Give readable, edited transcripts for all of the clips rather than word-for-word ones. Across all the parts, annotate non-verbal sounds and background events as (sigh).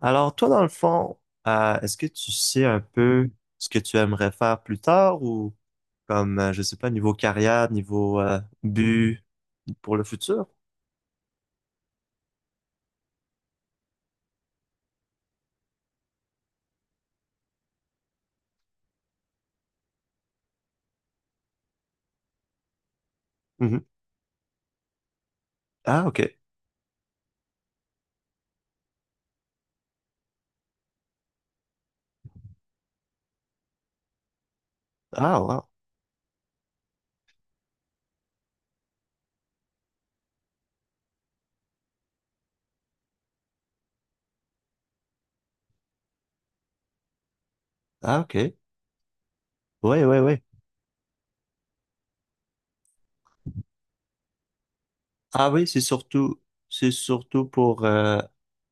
Alors, toi, dans le fond, est-ce que tu sais un peu ce que tu aimerais faire plus tard ou comme, je sais pas, niveau carrière, niveau but pour le futur? Mhm. Ah, ok. Ah, wow. Ah, ok. Oui, oui, oui. Ah oui, c'est surtout pour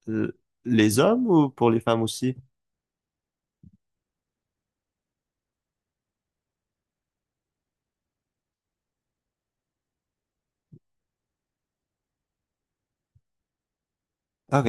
l- les hommes ou pour les femmes aussi? OK.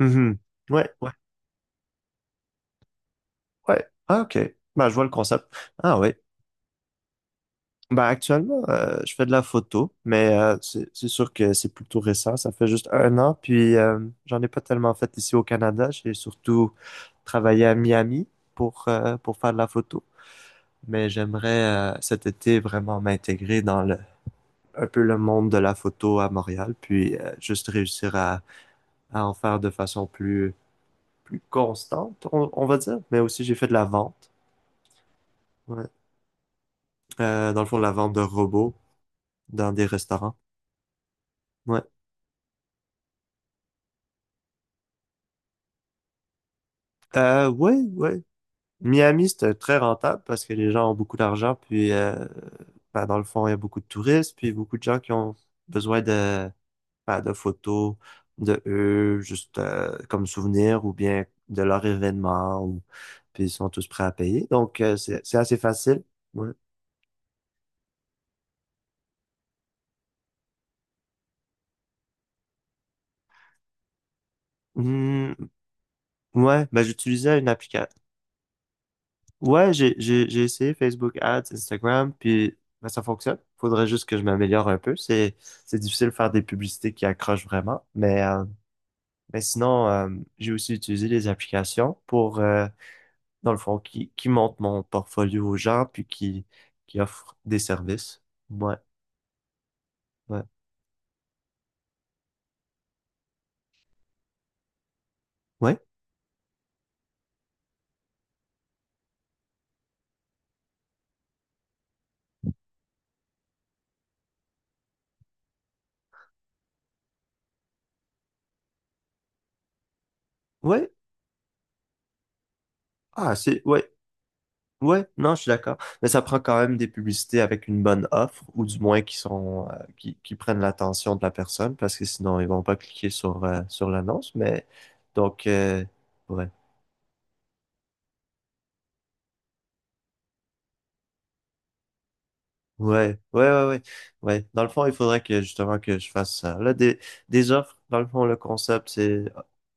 Mhm. Ouais, ouais, ouais. Ah, OK. Ben, je vois le concept. Ah oui. Ben actuellement, je fais de la photo, mais c'est sûr que c'est plutôt récent. Ça fait juste un an, puis j'en ai pas tellement fait ici au Canada. J'ai surtout travaillé à Miami pour faire de la photo. Mais j'aimerais cet été vraiment m'intégrer dans le un peu le monde de la photo à Montréal, puis juste réussir à en faire de façon plus constante, on va dire. Mais aussi j'ai fait de la vente, ouais. Dans le fond la vente de robots dans des restaurants, ouais. Oui, Miami, c'est très rentable parce que les gens ont beaucoup d'argent, puis ben, dans le fond, il y a beaucoup de touristes, puis beaucoup de gens qui ont besoin de, ben, de photos de eux, juste comme souvenir, ou bien de leur événement, ou, puis ils sont tous prêts à payer. Donc, c'est assez facile. Ouais. Hmm, ouais ben, j'utilisais une application. Ouais, j'ai essayé Facebook Ads, Instagram, puis ben, ça fonctionne. Faudrait juste que je m'améliore un peu. C'est difficile de faire des publicités qui accrochent vraiment, mais mais sinon, j'ai aussi utilisé des applications pour, dans le fond, qui montrent mon portfolio aux gens, qui offrent des services. Ouais, ouais, ouais, ouais. Ah, c'est, ouais, ouais, non, je suis d'accord. Mais ça prend quand même des publicités avec une bonne offre, ou du moins qui sont, qui prennent l'attention de la personne, parce que sinon, ils vont pas cliquer sur, sur l'annonce. Mais, donc, ouais. Ouais, ouais, ouais, ouais, ouais. Dans le fond, il faudrait que justement que je fasse ça. Là, des offres, dans le fond, le concept, c'est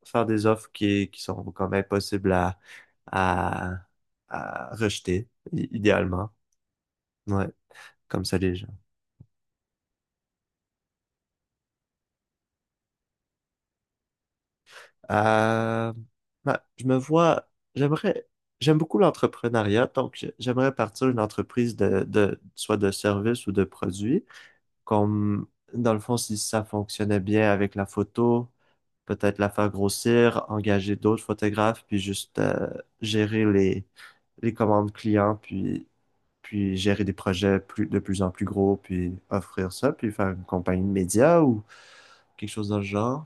faire des offres qui sont quand même possibles à, à, rejeter, idéalement. Ouais, comme ça, les gens. Euh, bah, j'aimerais, j'aime beaucoup l'entrepreneuriat, donc j'aimerais partir une entreprise de, soit de service ou de produit, comme, dans le fond, si ça fonctionnait bien avec la photo. Peut-être la faire grossir, engager d'autres photographes, puis juste gérer les commandes clients, puis, puis gérer des projets de plus en plus gros, puis offrir ça, puis faire une compagnie de médias ou quelque chose dans le genre.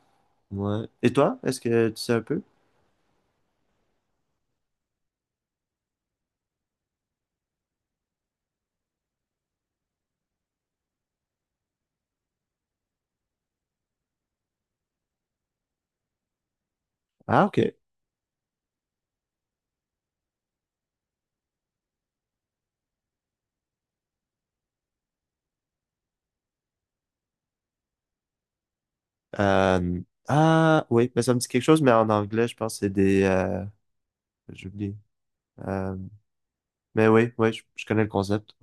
Ouais. Et toi, est-ce que tu sais un peu? Ah, ok. Euh, ah, oui, mais ça me dit quelque chose, mais en anglais, je pense que c'est des... j'ai oublié. Euh, mais oui, oui, je connais le concept.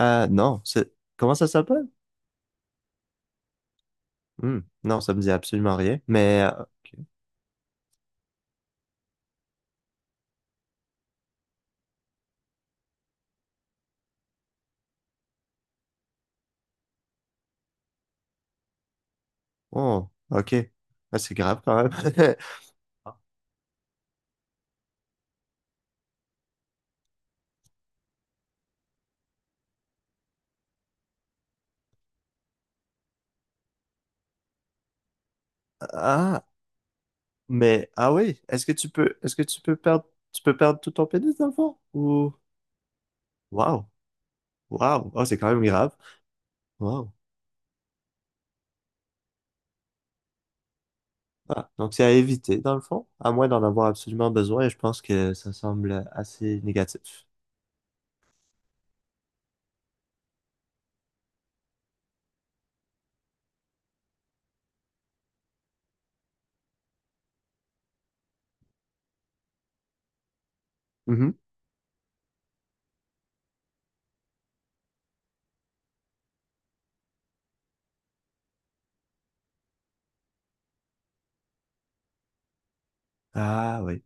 Non, c'est... Comment ça s'appelle? Hmm, non, ça me dit absolument rien. Mais... ok. Oh, ok. Ah, c'est grave quand même. (laughs) Ah, mais... Ah oui, est-ce que tu peux... Est-ce que tu peux perdre... Tu peux perdre tout ton pénis dans le fond? Ou... Wow. Wow. Oh, c'est quand même grave. Wow. Ah, donc c'est à éviter, dans le fond, à moins d'en avoir absolument besoin, et je pense que ça semble assez négatif. Mhm. Ah oui.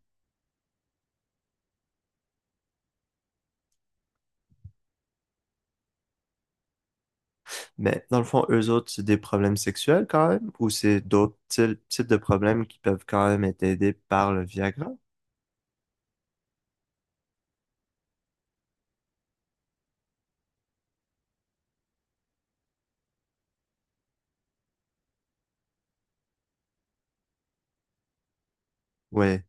Mais dans le fond, eux autres, c'est des problèmes sexuels quand même, ou c'est d'autres types de problèmes qui peuvent quand même être aidés par le Viagra? Ouais.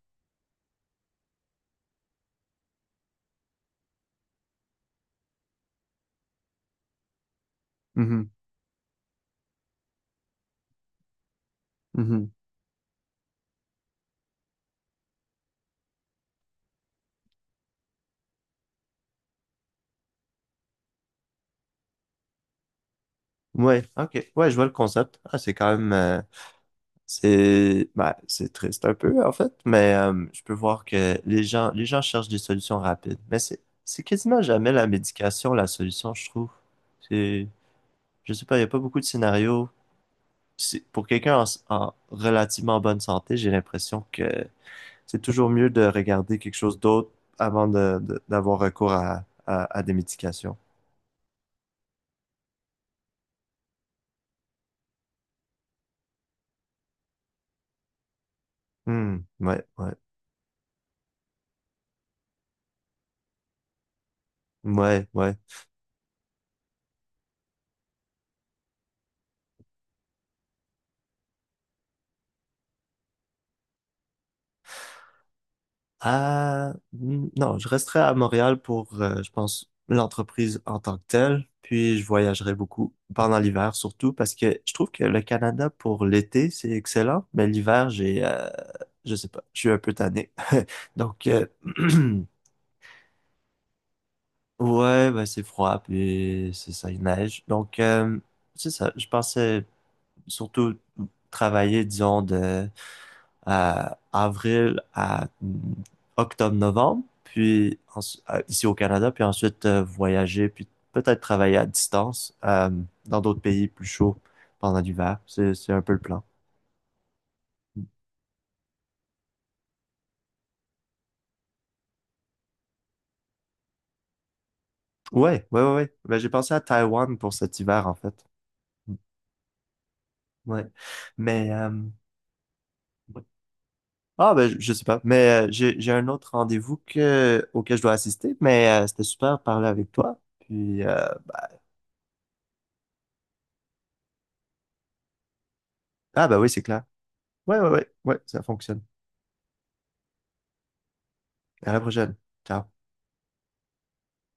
Mhm. Mhm. Ouais, ok. Ouais, je vois le concept. Ah, c'est quand même. C'est bah, c'est triste un peu, en fait, mais je peux voir que les gens cherchent des solutions rapides. Mais c'est quasiment jamais la médication la solution, je trouve. C'est, je sais pas, il n'y a pas beaucoup de scénarios. Pour quelqu'un en relativement bonne santé, j'ai l'impression que c'est toujours mieux de regarder quelque chose d'autre avant d'avoir recours à, à des médications. Hmm, ouais, ouais, ouais, ouais. Non, je resterai à Montréal pour, je pense, l'entreprise en tant que telle, puis je voyagerai beaucoup pendant l'hiver surtout parce que je trouve que le Canada pour l'été, c'est excellent, mais l'hiver, j'ai, je sais pas, je suis un peu tanné. (laughs) Donc, (clears throat) ouais, ben, c'est froid, puis c'est ça, il neige. Donc, c'est ça, je pensais surtout travailler, disons, de euh, avril à mm, octobre-novembre, ici au Canada, puis ensuite voyager, puis peut-être travailler à distance dans d'autres pays plus chauds pendant l'hiver. C'est un peu le plan. Ouais, ouais, ouais, ouais. Ben, j'ai pensé à Taïwan pour cet hiver, en fait. Mm. Ouais. Mais, ouais. Ah, ben, je sais pas. Mais j'ai un autre rendez-vous auquel je dois assister, mais c'était super de parler avec toi. Puis, ah, ben oui, c'est clair. Ouais, ouais, ouais, ouais, ça fonctionne. À la prochaine. Ciao.